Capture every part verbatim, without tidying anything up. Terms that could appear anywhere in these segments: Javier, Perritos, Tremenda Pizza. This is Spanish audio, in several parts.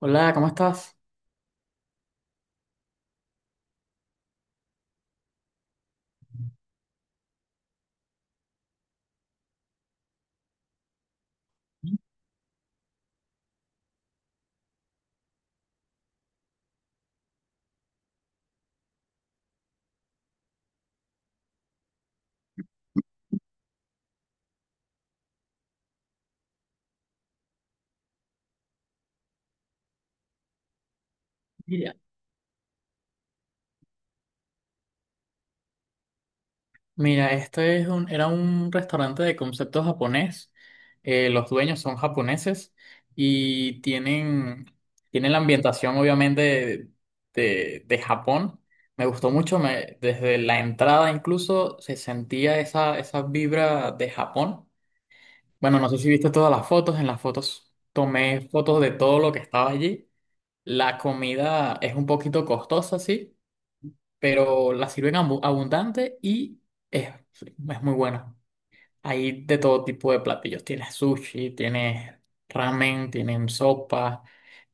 Hola, ¿cómo estás? Mira, Mira, este es un, era un restaurante de concepto japonés. Eh, los dueños son japoneses y tienen, tienen la ambientación, obviamente, de, de- de Japón. Me gustó mucho, me- desde la entrada incluso se sentía esa, esa vibra de Japón. Bueno, no sé si viste todas las fotos. En las fotos tomé fotos de todo lo que estaba allí. La comida es un poquito costosa, sí, pero la sirven abu- abundante y es, es muy buena. Hay de todo tipo de platillos. Tienes sushi, tienes ramen, tienen sopa,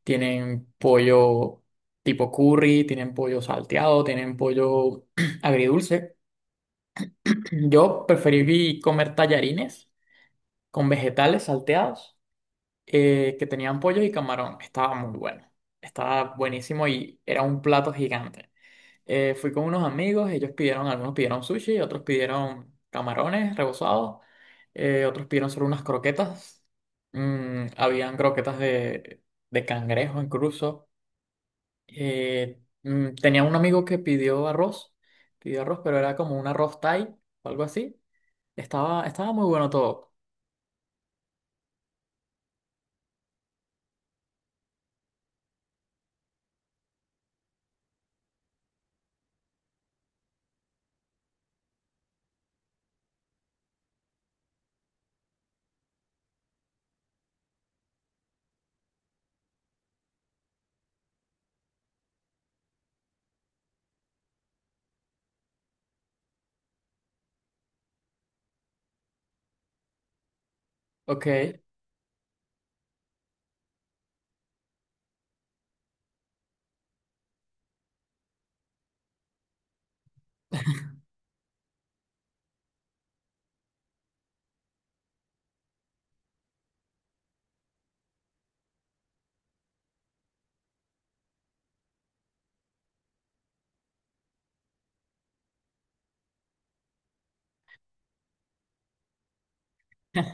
tienen pollo tipo curry, tienen pollo salteado, tienen pollo agridulce. Yo preferí comer tallarines con vegetales salteados, eh, que tenían pollo y camarón. Estaba muy bueno. Estaba buenísimo y era un plato gigante. Eh, fui con unos amigos, ellos pidieron, algunos pidieron sushi, otros pidieron camarones rebozados, eh, otros pidieron solo unas croquetas. Mm, habían croquetas de, de cangrejo incluso. Eh, mm, tenía un amigo que pidió arroz, pidió arroz, pero era como un arroz Thai o algo así. Estaba, estaba muy bueno todo. Ok.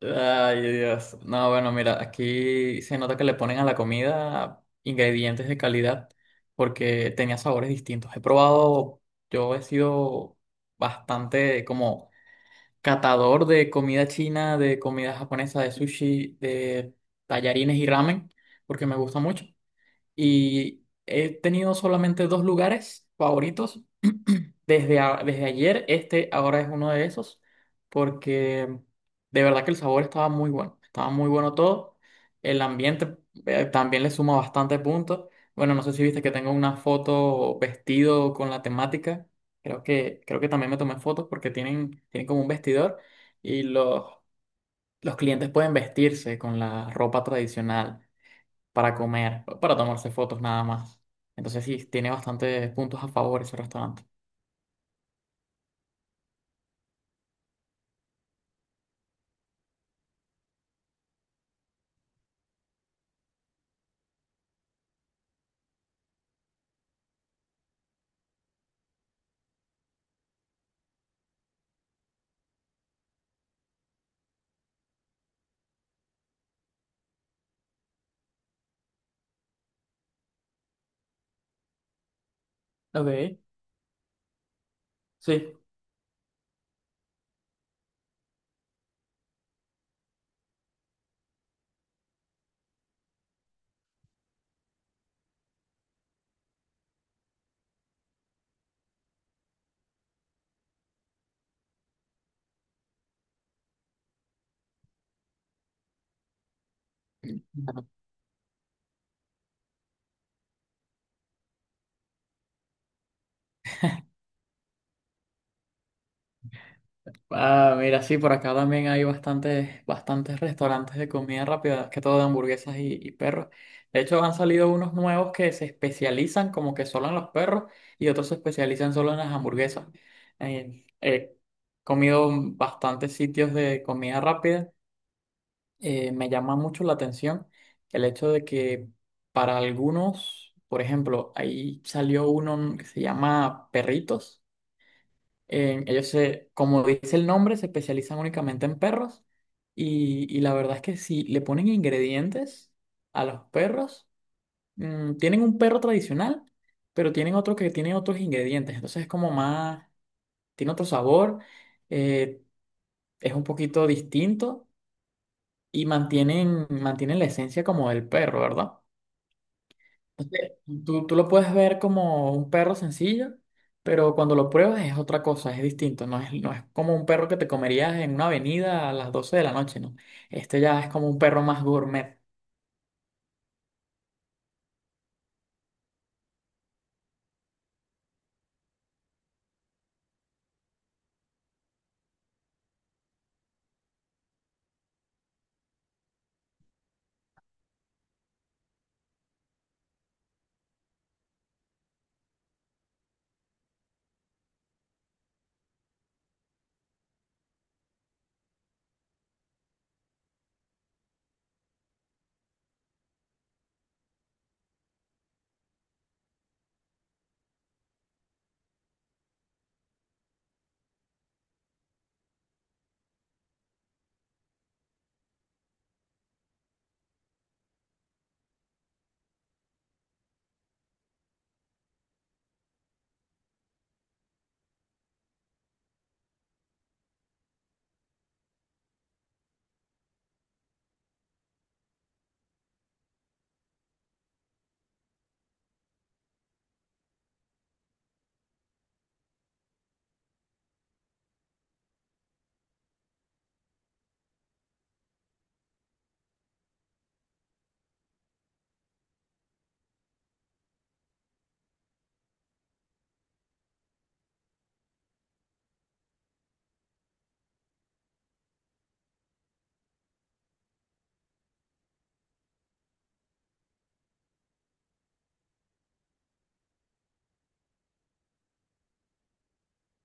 Ay, Dios. No, bueno, mira, aquí se nota que le ponen a la comida ingredientes de calidad porque tenía sabores distintos. He probado, yo he sido bastante como catador de comida china, de comida japonesa, de sushi, de tallarines y ramen, porque me gusta mucho. Y he tenido solamente dos lugares favoritos. Desde, a- desde ayer, este ahora es uno de esos, porque de verdad que el sabor estaba muy bueno, estaba muy bueno todo. El ambiente, eh, también le suma bastante puntos. Bueno, no sé si viste que tengo una foto vestido con la temática. Creo que, creo que también me tomé fotos porque tienen, tienen como un vestidor y los, los clientes pueden vestirse con la ropa tradicional para comer, para tomarse fotos nada más. Entonces sí, tiene bastantes puntos a favor ese restaurante. Ok, sí. Ah, mira, sí, por acá también hay bastantes, bastantes restaurantes de comida rápida, más que todo de hamburguesas y, y perros. De hecho, han salido unos nuevos que se especializan como que solo en los perros y otros se especializan solo en las hamburguesas. Eh, he comido bastantes sitios de comida rápida. Eh, me llama mucho la atención el hecho de que para algunos, por ejemplo, ahí salió uno que se llama Perritos. Eh, ellos se, como dice el nombre, se especializan únicamente en perros y, y la verdad es que si le ponen ingredientes a los perros. Mm, tienen un perro tradicional, pero tienen otro que tiene otros ingredientes, entonces es como más, tiene otro sabor, eh, es un poquito distinto. Y mantienen, mantienen la esencia como del perro, ¿verdad? Entonces, tú, tú lo puedes ver como un perro sencillo, pero cuando lo pruebas es otra cosa, es distinto. No es, no es como un perro que te comerías en una avenida a las doce de la noche, ¿no? Este ya es como un perro más gourmet.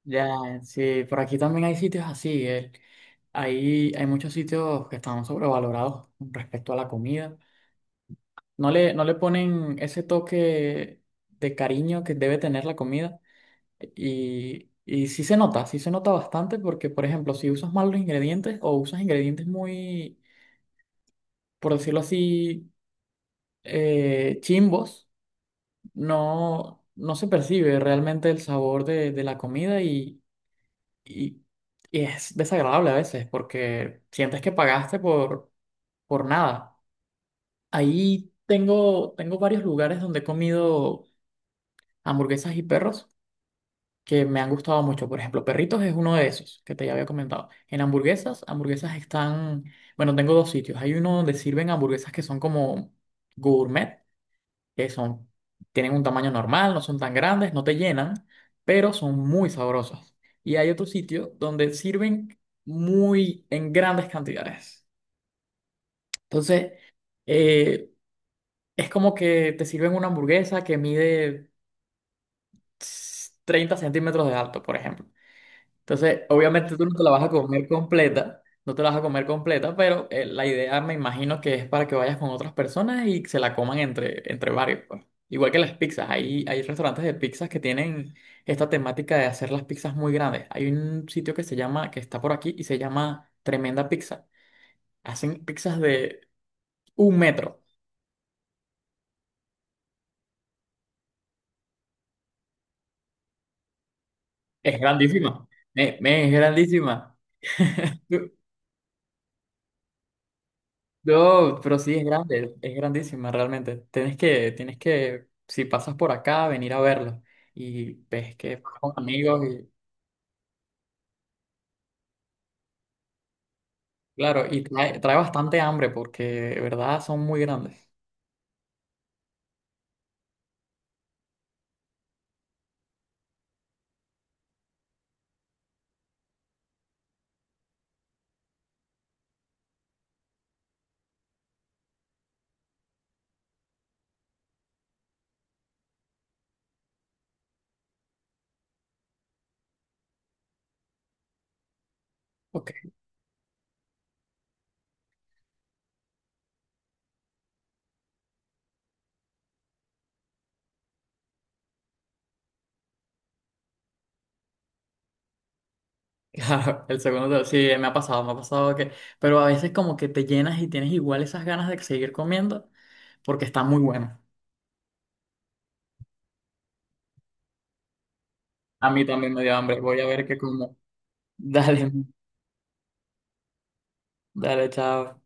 Ya, sí, por aquí también hay sitios así. eh. Hay, hay muchos sitios que están sobrevalorados con respecto a la comida. No le, no le ponen ese toque de cariño que debe tener la comida. Y, y sí se nota, sí se nota bastante porque, por ejemplo, si usas mal los ingredientes o usas ingredientes muy, por decirlo así, eh, chimbos, no, no se percibe realmente el sabor de, de la comida y, y, y es desagradable a veces porque sientes que pagaste por, por nada. Ahí tengo, tengo varios lugares donde he comido hamburguesas y perros que me han gustado mucho. Por ejemplo, Perritos es uno de esos que te ya había comentado. En hamburguesas, hamburguesas están, bueno, tengo dos sitios. Hay uno donde sirven hamburguesas que son como gourmet, que son, tienen un tamaño normal, no son tan grandes, no te llenan, pero son muy sabrosas. Y hay otro sitio donde sirven muy en grandes cantidades. Entonces, eh, es como que te sirven una hamburguesa que mide treinta centímetros de alto, por ejemplo. Entonces, obviamente tú no te la vas a comer completa, no te la vas a comer completa, pero eh, la idea me imagino que es para que vayas con otras personas y se la coman entre, entre varios, pues. Igual que las pizzas, hay, hay restaurantes de pizzas que tienen esta temática de hacer las pizzas muy grandes. Hay un sitio que se llama, que está por aquí y se llama Tremenda Pizza. Hacen pizzas de un metro. Es grandísima. Eh, men, es grandísima. No, pero sí es grande, es grandísima realmente. Tienes que, tienes que, si pasas por acá, venir a verlo. Y ves que vas con amigos y, claro, y trae, trae bastante hambre porque de verdad son muy grandes. Ok, claro, el segundo, te- sí, me ha pasado, me ha pasado que, pero a veces como que te llenas y tienes igual esas ganas de seguir comiendo porque está muy bueno. A mí también me dio hambre, voy a ver qué como. Dale, dale, chao.